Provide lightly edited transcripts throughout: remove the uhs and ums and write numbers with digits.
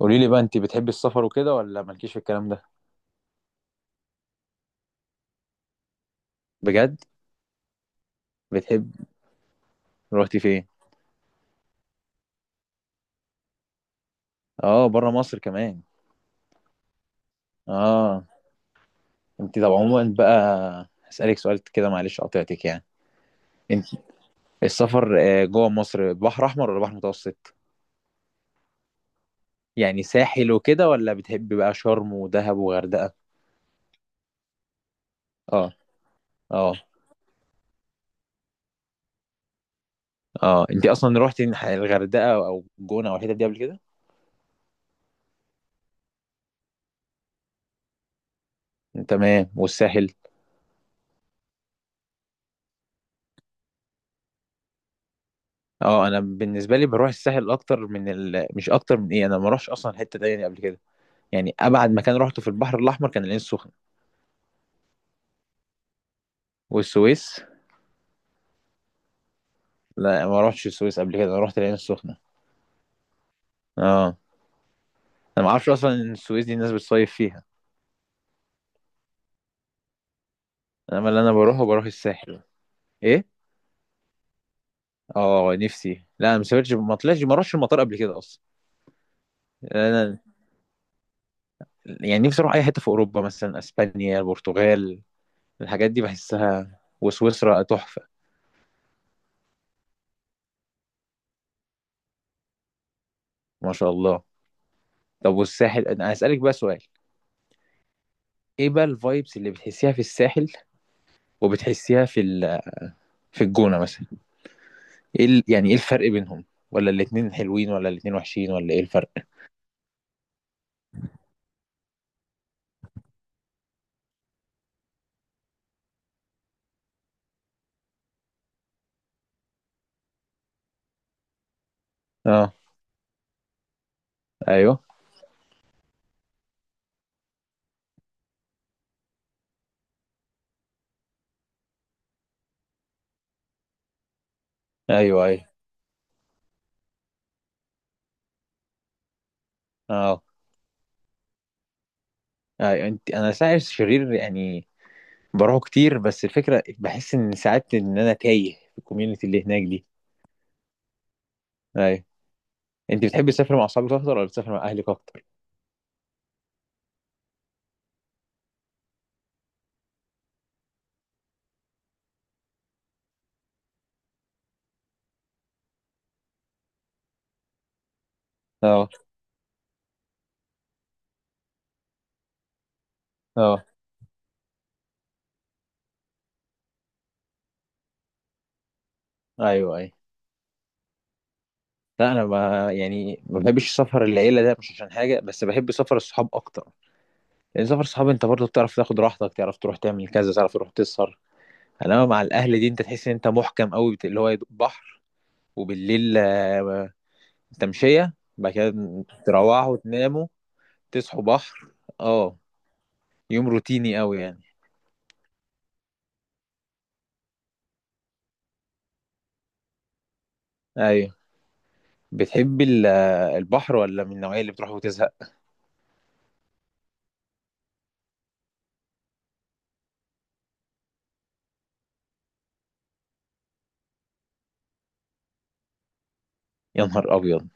قولي لي بقى، انت بتحبي السفر وكده ولا مالكيش في الكلام ده؟ بجد؟ بتحب؟ روحتي فين؟ اه، بره مصر كمان. اه. طب عموما بقى هسألك سؤال كده، معلش قطعتك يعني. انت السفر جوه مصر، بحر احمر ولا بحر متوسط؟ يعني ساحل وكده، ولا بتحبي بقى شرم ودهب وغردقة؟ اه. اه. اه انت اصلا روحتي الغردقة او جونة او الحتت دي قبل كده؟ تمام، والساحل؟ اه، انا بالنسبه لي بروح الساحل اكتر من مش اكتر من ايه، انا ما اروحش اصلا حته تانية قبل كده. يعني ابعد مكان روحته في البحر الاحمر كان العين السخنه. والسويس. لا، ما روحتش السويس قبل كده، انا روحت العين السخنه. اه. انا ما اعرفش اصلا ان السويس دي الناس بتصيف فيها. انا اللي انا بروحه بروح الساحل. ايه؟ اه نفسي. لا، انا ما سافرتش، ما طلعتش، ما روحتش المطار قبل كده اصلا. انا، يعني نفسي اروح اي حته في اوروبا، مثلا اسبانيا، البرتغال، الحاجات دي بحسها، وسويسرا تحفه. ما شاء الله. طب والساحل، انا هسالك بقى سؤال. ايه بقى الفايبس اللي بتحسيها في الساحل، وبتحسيها في في الجونه مثلا؟ ايه يعني ايه الفرق بينهم؟ ولا الاتنين حلوين، ولا الاتنين وحشين، ولا ايه الفرق؟ اه. ايوه. ايوه. ايوه. اه. ايوه انا ساعات شرير يعني. بروحه كتير، بس الفكره بحس ان ساعات ان انا تايه في الكوميونتي اللي هناك دي. ايوه. انت بتحبي تسافري مع اصحابك اكتر ولا بتسافري مع اهلك اكتر؟ اه. اه. ايوه. ايوه. لا انا، ما يعني ما بحبش سفر العيله، ده مش عشان حاجه، بس بحب سفر الصحاب اكتر. لان سفر الصحاب انت برضه بتعرف تاخد راحتك، تعرف تروح تعمل كذا، تعرف تروح تسهر. انما مع الاهل دي انت تحس ان انت محكم قوي اللي هو يا دوب بحر، وبالليل تمشيه بعد كده، تروحوا وتناموا، تصحوا بحر. اه. يوم روتيني قوي يعني. ايوه. بتحب البحر ولا من النوعيه اللي بتروح وتزهق؟ يا نهار ابيض.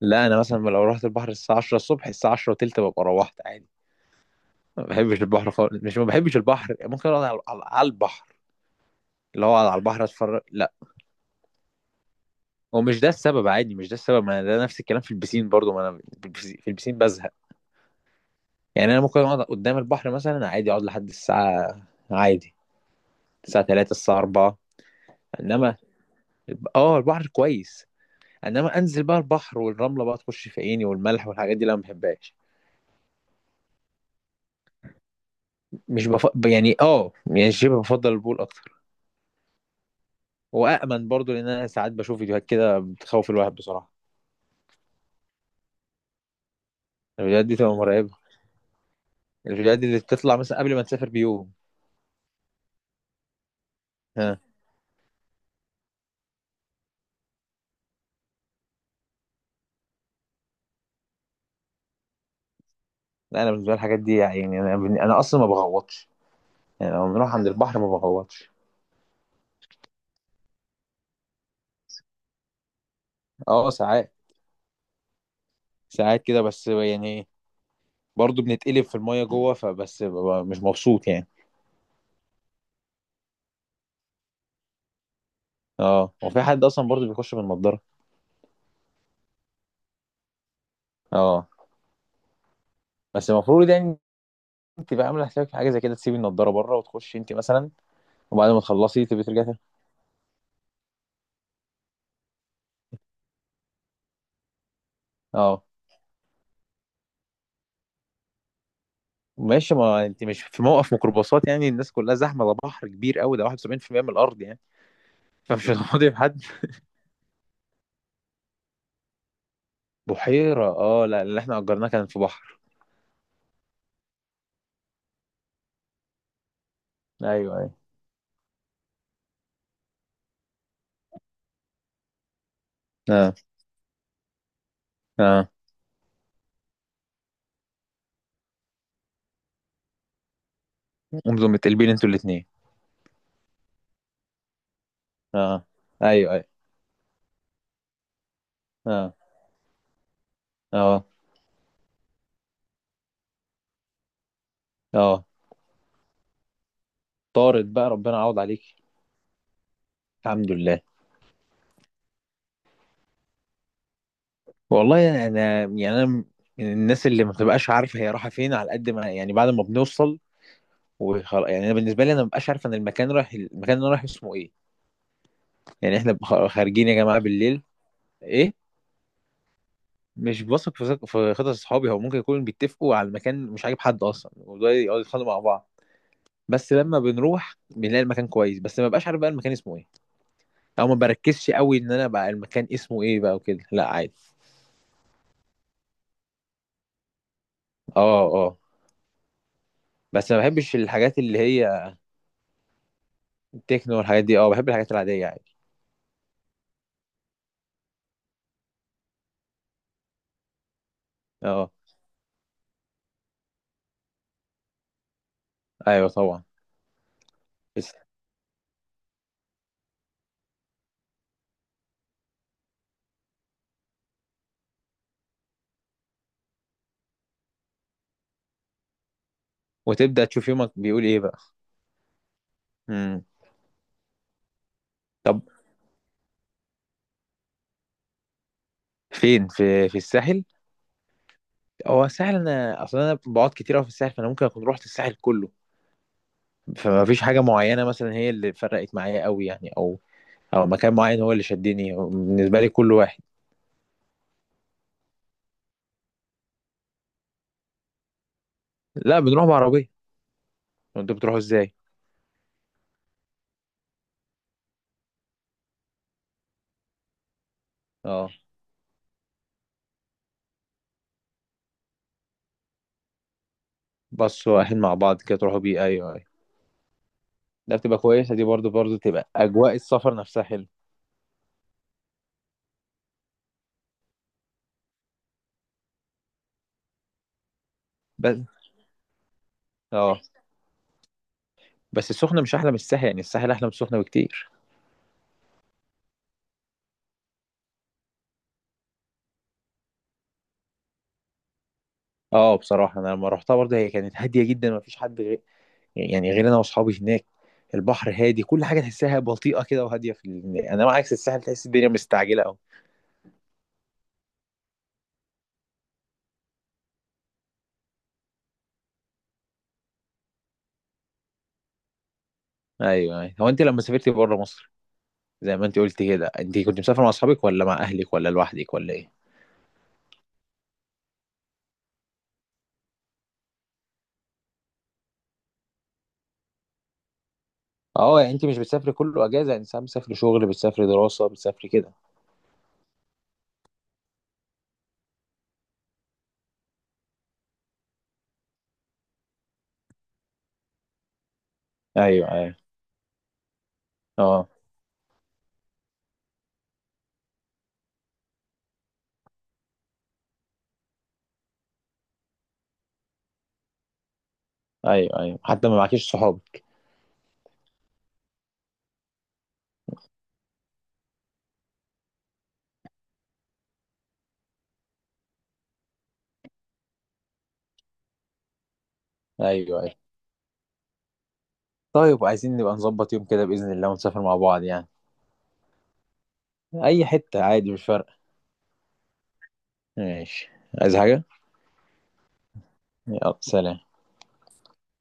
لا، انا مثلا لو رحت البحر الساعه 10 الصبح، الساعه 10 وتلت ببقى روحت عادي. ما بحبش البحر خالص، مش ما بحبش البحر، ممكن اقعد على على البحر. اللي هو على البحر اتفرج. لا، هو مش ده السبب، عادي. مش ده السبب، ما أنا ده نفس الكلام في البسين برضو، ما انا في البسين، بزهق. يعني انا ممكن اقعد قدام البحر مثلا عادي، اقعد لحد الساعه، عادي، الساعه 3، الساعه 4. انما، اه البحر كويس، انما انزل بقى البحر والرمله بقى تخش في عيني والملح والحاجات دي، لا ما بحبهاش. مش بف... يعني يعني شبه بفضل البول اكتر. وامن برضو، لان انا ساعات بشوف فيديوهات كده بتخوف الواحد بصراحه. الفيديوهات دي تبقى مرعبه. الفيديوهات دي اللي بتطلع مثلا قبل ما تسافر بيوم. ها. لا، انا بالنسبه لي الحاجات دي يعني، انا اصلا ما بغوطش. يعني لما بنروح عند البحر ما بغوطش. اه ساعات. ساعات كده بس يعني. برضه بنتقلب في المية جوه، فبس ببقى مش مبسوط يعني. اه، هو في حد اصلا برضه بيخش بالنضارة؟ اه. بس المفروض يعني تبقى عاملة حسابك في حاجة زي كده، تسيبي النضارة بره وتخشي انت مثلا، وبعد ما تخلصي تبقي ترجعي تاني. اه ماشي، ما انت مش في موقف ميكروباصات يعني الناس كلها زحمة، ده بحر كبير قوي، ده 71% من الأرض يعني، فمش هتقعدي في حد. بحيرة؟ اه لا، اللي احنا أجرناه كان في بحر. ايوه. ايوه. اه. اه. انتوا متقلبين انتوا الاتنين. اه. ايوه. ايوه. اه. اه. اه. طارت بقى، ربنا يعوض عليك. الحمد لله. والله انا يعني انا من الناس اللي ما بتبقاش عارفه هي رايحه فين، على قد ما يعني بعد ما بنوصل وخلاص. يعني انا بالنسبه لي، انا ما ببقاش عارف انا المكان رايح المكان اللي انا رايح اسمه ايه. يعني احنا خارجين يا جماعه بالليل. ايه؟ مش بثق في خطط اصحابي. هو ممكن يكونوا بيتفقوا على المكان مش عاجب حد اصلا، وده يقعدوا يتخانقوا مع بعض. بس لما بنروح بنلاقي المكان كويس، بس ما ببقاش عارف بقى المكان اسمه ايه، او ما بركزش قوي ان انا بقى المكان اسمه ايه بقى وكده. لا عادي. اه. اه بس ما بحبش الحاجات اللي هي تكنو والحاجات دي، اه بحب الحاجات العادية عادي. اه ايوه طبعا. بس. وتبدأ تشوف يومك بيقول ايه بقى. امم. طب، فين؟ في الساحل؟ هو الساحل انا اصلا انا بقعد كتير قوي في الساحل، فانا ممكن اكون رحت الساحل كله. فما فيش حاجة معينة مثلا هي اللي فرقت معايا قوي يعني، او او مكان معين هو اللي شدني، هو بالنسبة لي كل واحد. لا، بنروح بعربية. انتوا بتروحوا ازاي؟ اه، بصوا رايحين مع بعض كده تروحوا بيه، ايوه ايوه. ده بتبقى كويسة دي برضو، برضو تبقى اجواء السفر نفسها حلو. بس. اه بس السخنة مش أحلى من الساحل، يعني الساحل أحلى من السخنة بكتير. اه بصراحة أنا لما روحتها برضه هي كانت هادية جدا، مفيش حد غير يعني غير أنا وأصحابي هناك. البحر هادي، كل حاجة تحسها بطيئة كده وهادية في أنا عكس الساحل تحس الدنيا مستعجلة أوي. أيوه أيوه. هو أنت لما سافرت بره مصر، زي ما أنت قلت كده، أنت كنت مسافر مع أصحابك ولا مع أهلك ولا لوحدك ولا إيه؟ اه يعني أنت مش بتسافري كله أجازة، يعني ساعات بتسافري شغل، بتسافري دراسة، بتسافري كده. أيوه أيوه. اه. أيوه أيوه، حتى ما معكيش صحاب. أيوه أيوه. طيب عايزين نبقى نظبط يوم كده بإذن الله، ونسافر مع بعض يعني. أي حتة عادي، مش فارقة. ماشي. عايز حاجة؟ يلا سلام.